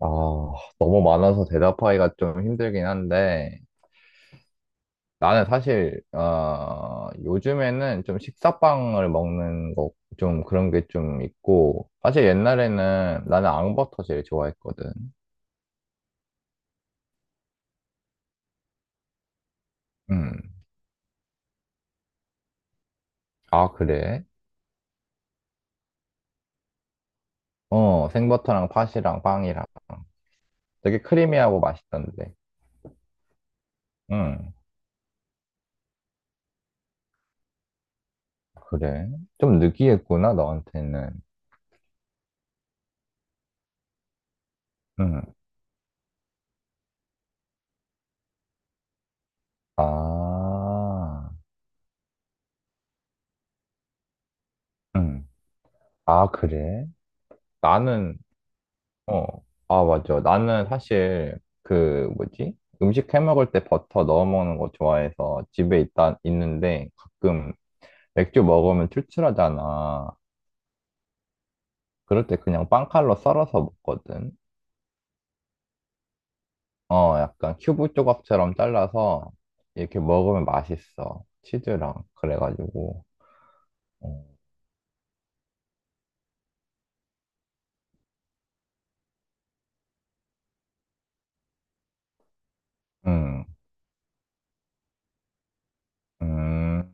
아, 너무 많아서 대답하기가 좀 힘들긴 한데, 나는 사실, 요즘에는 좀 식사빵을 먹는 거, 좀 그런 게 좀 있고, 사실 옛날에는 나는 앙버터 제일 좋아했거든. 음. 아, 그래? 어, 생버터랑 팥이랑 빵이랑. 되게 크리미하고 맛있던데. 음, 그래? 좀 느끼했구나, 너한테는. 음. 아, 음. 아, 그래? 나는, 어. 아, 맞아. 나는 사실 그 뭐지? 음식 해 먹을 때 버터 넣어 먹는 거 좋아해서 집에 있다 있는데 가끔 맥주 먹으면 출출하잖아. 그럴 때 그냥 빵칼로 썰어서 먹거든. 어, 약간 큐브 조각처럼 잘라서 이렇게 먹으면 맛있어. 치즈랑 그래가지고. 어. 음, 음.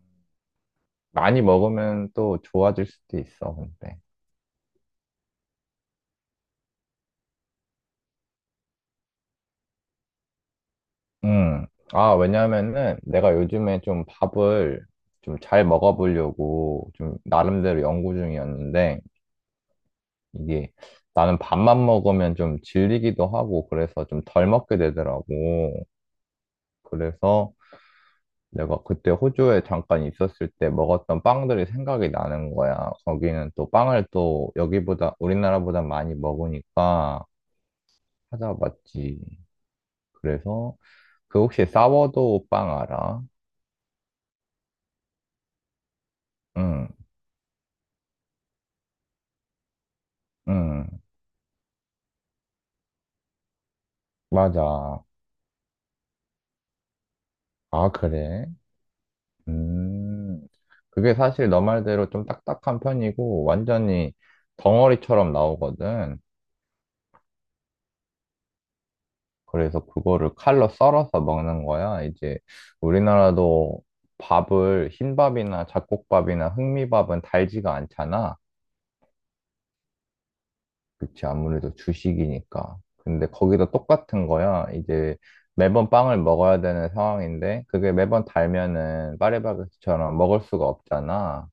많이 먹으면 또 좋아질 수도 있어, 근데. 음. 아, 왜냐면은 내가 요즘에 좀 밥을 좀 잘 먹어보려고 좀 나름대로 연구 중이었는데 이게 나는 밥만 먹으면 좀 질리기도 하고 그래서 좀 덜 먹게 되더라고. 그래서 내가 그때 호주에 잠깐 있었을 때 먹었던 빵들이 생각이 나는 거야. 거기는 또 빵을 또 여기보다 우리나라보다 많이 먹으니까 찾아봤지. 그래서 그 혹시 사워도우 빵 알아? 응, 응. 맞아. 아, 그래? 음. 그게 사실 너 말대로 좀 딱딱한 편이고, 완전히 덩어리처럼 나오거든. 그래서 그거를 칼로 썰어서 먹는 거야. 이제 우리나라도 밥을, 흰밥이나 잡곡밥이나 흑미밥은 달지가 않잖아. 그치, 아무래도 주식이니까. 근데 거기도 똑같은 거야. 이제 매번 빵을 먹어야 되는 상황인데, 그게 매번 달면은 파리바게트처럼 먹을 수가 없잖아.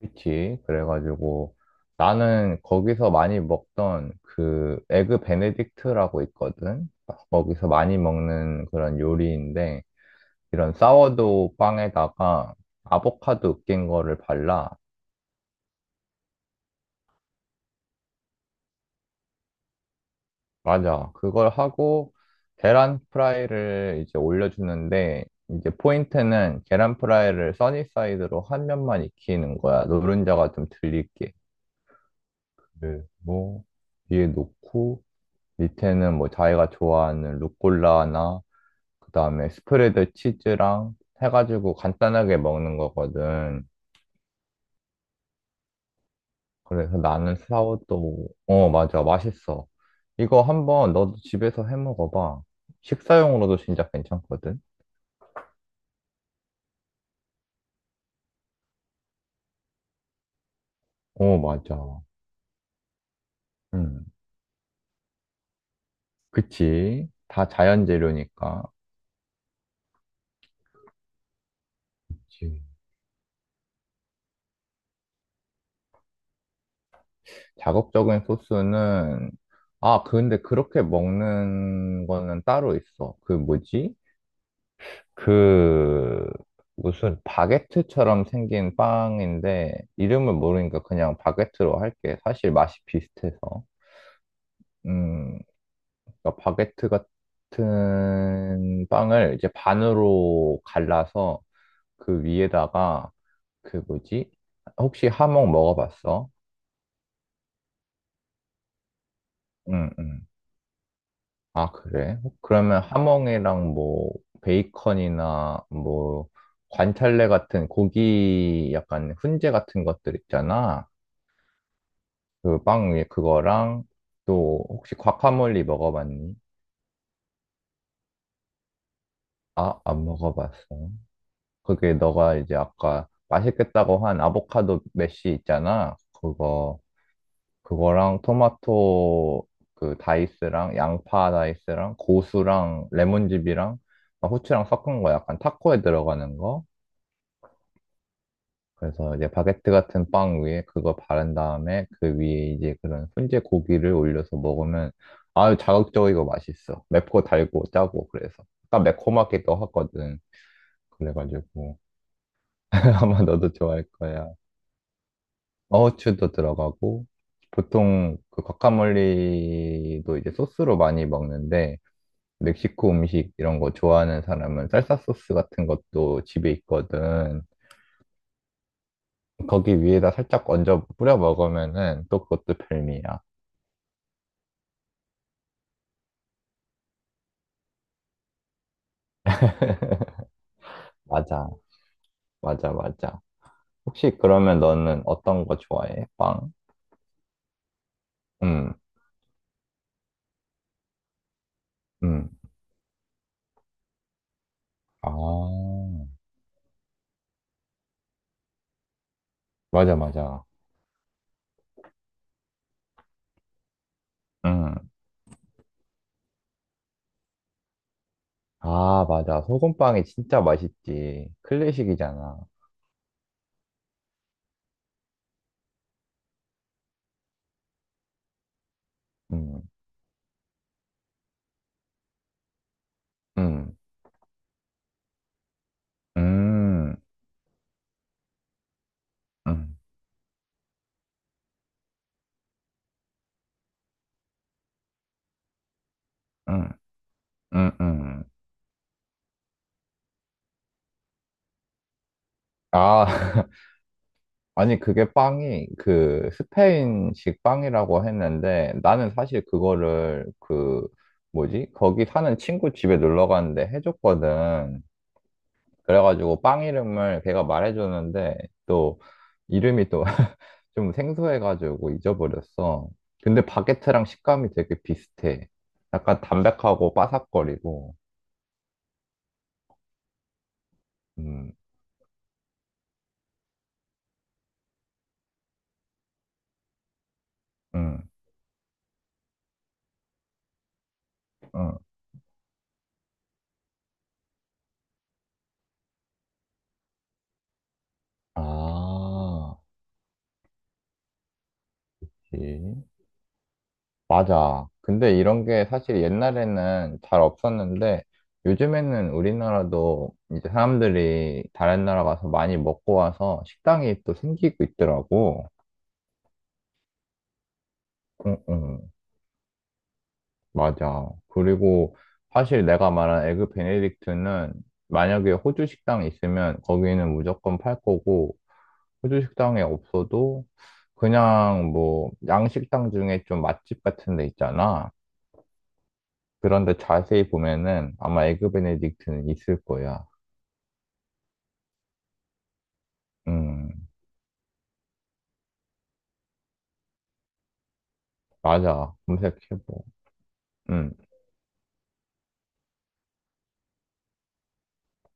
그치. 그래가지고 나는 거기서 많이 먹던 그 에그 베네딕트라고 있거든. 거기서 많이 먹는 그런 요리인데 이런 사워도우 빵에다가 아보카도 으깬 거를 발라. 맞아. 그걸 하고 계란 프라이를 이제 올려주는데 이제 포인트는 계란 프라이를 써니사이드로 한 면만 익히는 거야. 노른자가 좀 들릴게. 그리고 위에 놓고 밑에는 뭐 자기가 좋아하는 루꼴라나 그다음에 스프레드 치즈랑 해가지고 간단하게 먹는 거거든. 그래서 나는 사워도 어, 맞아. 맛있어. 이거 한번 너도 집에서 해 먹어봐. 식사용으로도 진짜 괜찮거든. 어, 맞아. 음, 그치. 다 자연 재료니까. 그치. 자극적인 소스는 아, 근데 그렇게 먹는 거는 따로 있어. 그 뭐지? 그 무슨 바게트처럼 생긴 빵인데 이름을 모르니까 그냥 바게트로 할게. 사실 맛이 비슷해서. 음, 그러니까 바게트 같은 빵을 이제 반으로 갈라서 그 위에다가 그 뭐지? 혹시 하몽 먹어봤어? 응, 응. 아, 그래? 그러면 하몽이랑 뭐 베이컨이나 뭐 관찰래 같은 고기 약간 훈제 같은 것들 있잖아. 그 빵 위에 그거랑 또 혹시 과카몰리 먹어봤니? 아, 안 먹어봤어. 그게 너가 이제 아까 맛있겠다고 한 아보카도 메쉬 있잖아. 그거 그거랑 토마토 그 다이스랑 양파 다이스랑 고수랑 레몬즙이랑 막 후추랑 섞은 거 약간 타코에 들어가는 거. 그래서 이제 바게트 같은 빵 위에 그거 바른 다음에 그 위에 이제 그런 훈제 고기를 올려서 먹으면 아유 자극적이고 맛있어. 맵고 달고 짜고 그래서. 약간 매콤하기도 하거든. 그래가지고 아마 너도 좋아할 거야. 어우추도 들어가고 보통 그 과카몰리도 이제 소스로 많이 먹는데 멕시코 음식 이런 거 좋아하는 사람은 살사 소스 같은 것도 집에 있거든. 거기 위에다 살짝 얹어 뿌려 먹으면은 또 그것도 별미야. 맞아, 맞아, 맞아. 혹시 그러면 너는 어떤 거 좋아해? 빵? 응, 응, 아, 맞아, 맞아. 응. 아, 맞아. 소금빵이 진짜 맛있지. 클래식이잖아. 응, 응, 응, 응, 응, 응, 응. 아, 아니, 그게 빵이 그 스페인식 빵이라고 했는데 나는 사실 그거를 그 뭐지? 거기 사는 친구 집에 놀러 갔는데 해줬거든. 그래가지고 빵 이름을 걔가 말해줬는데 또 이름이 또 좀 생소해가지고 잊어버렸어. 근데 바게트랑 식감이 되게 비슷해. 약간 담백하고 바삭거리고. 음, 음, 음. 아, 예. 맞아. 근데 이런 게 사실 옛날에는 잘 없었는데 요즘에는 우리나라도 이제 사람들이 다른 나라 가서 많이 먹고 와서 식당이 또 생기고 있더라고. 응, 응. 맞아. 그리고 사실 내가 말한 에그 베네딕트는 만약에 호주 식당이 있으면 거기는 무조건 팔 거고 호주 식당에 없어도 그냥 뭐 양식당 중에 좀 맛집 같은 데 있잖아. 그런데 자세히 보면은 아마 에그 베네딕트는 있을 거야. 음, 맞아. 검색해보. 음.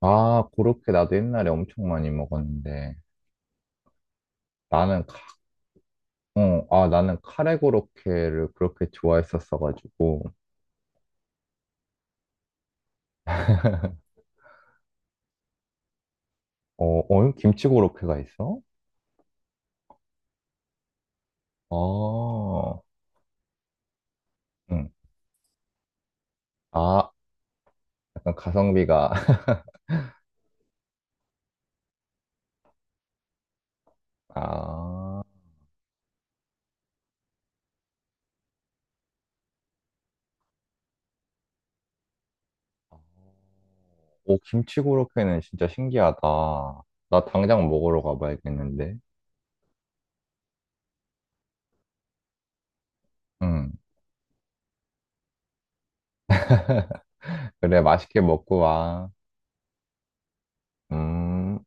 아, 고로케 나도 옛날에 엄청 많이 먹었는데 나는 카, 어, 아, 나는 카레 고로케를 그렇게 좋아했었어가지고 어, 어, 김치 고로케가 있어? 어, 응. 아, 약간 가성비가. 아, 오, 김치 고로케는 진짜 신기하다. 나 당장 먹으러 가봐야겠는데. 응. 그래, 맛있게 먹고 와. 음.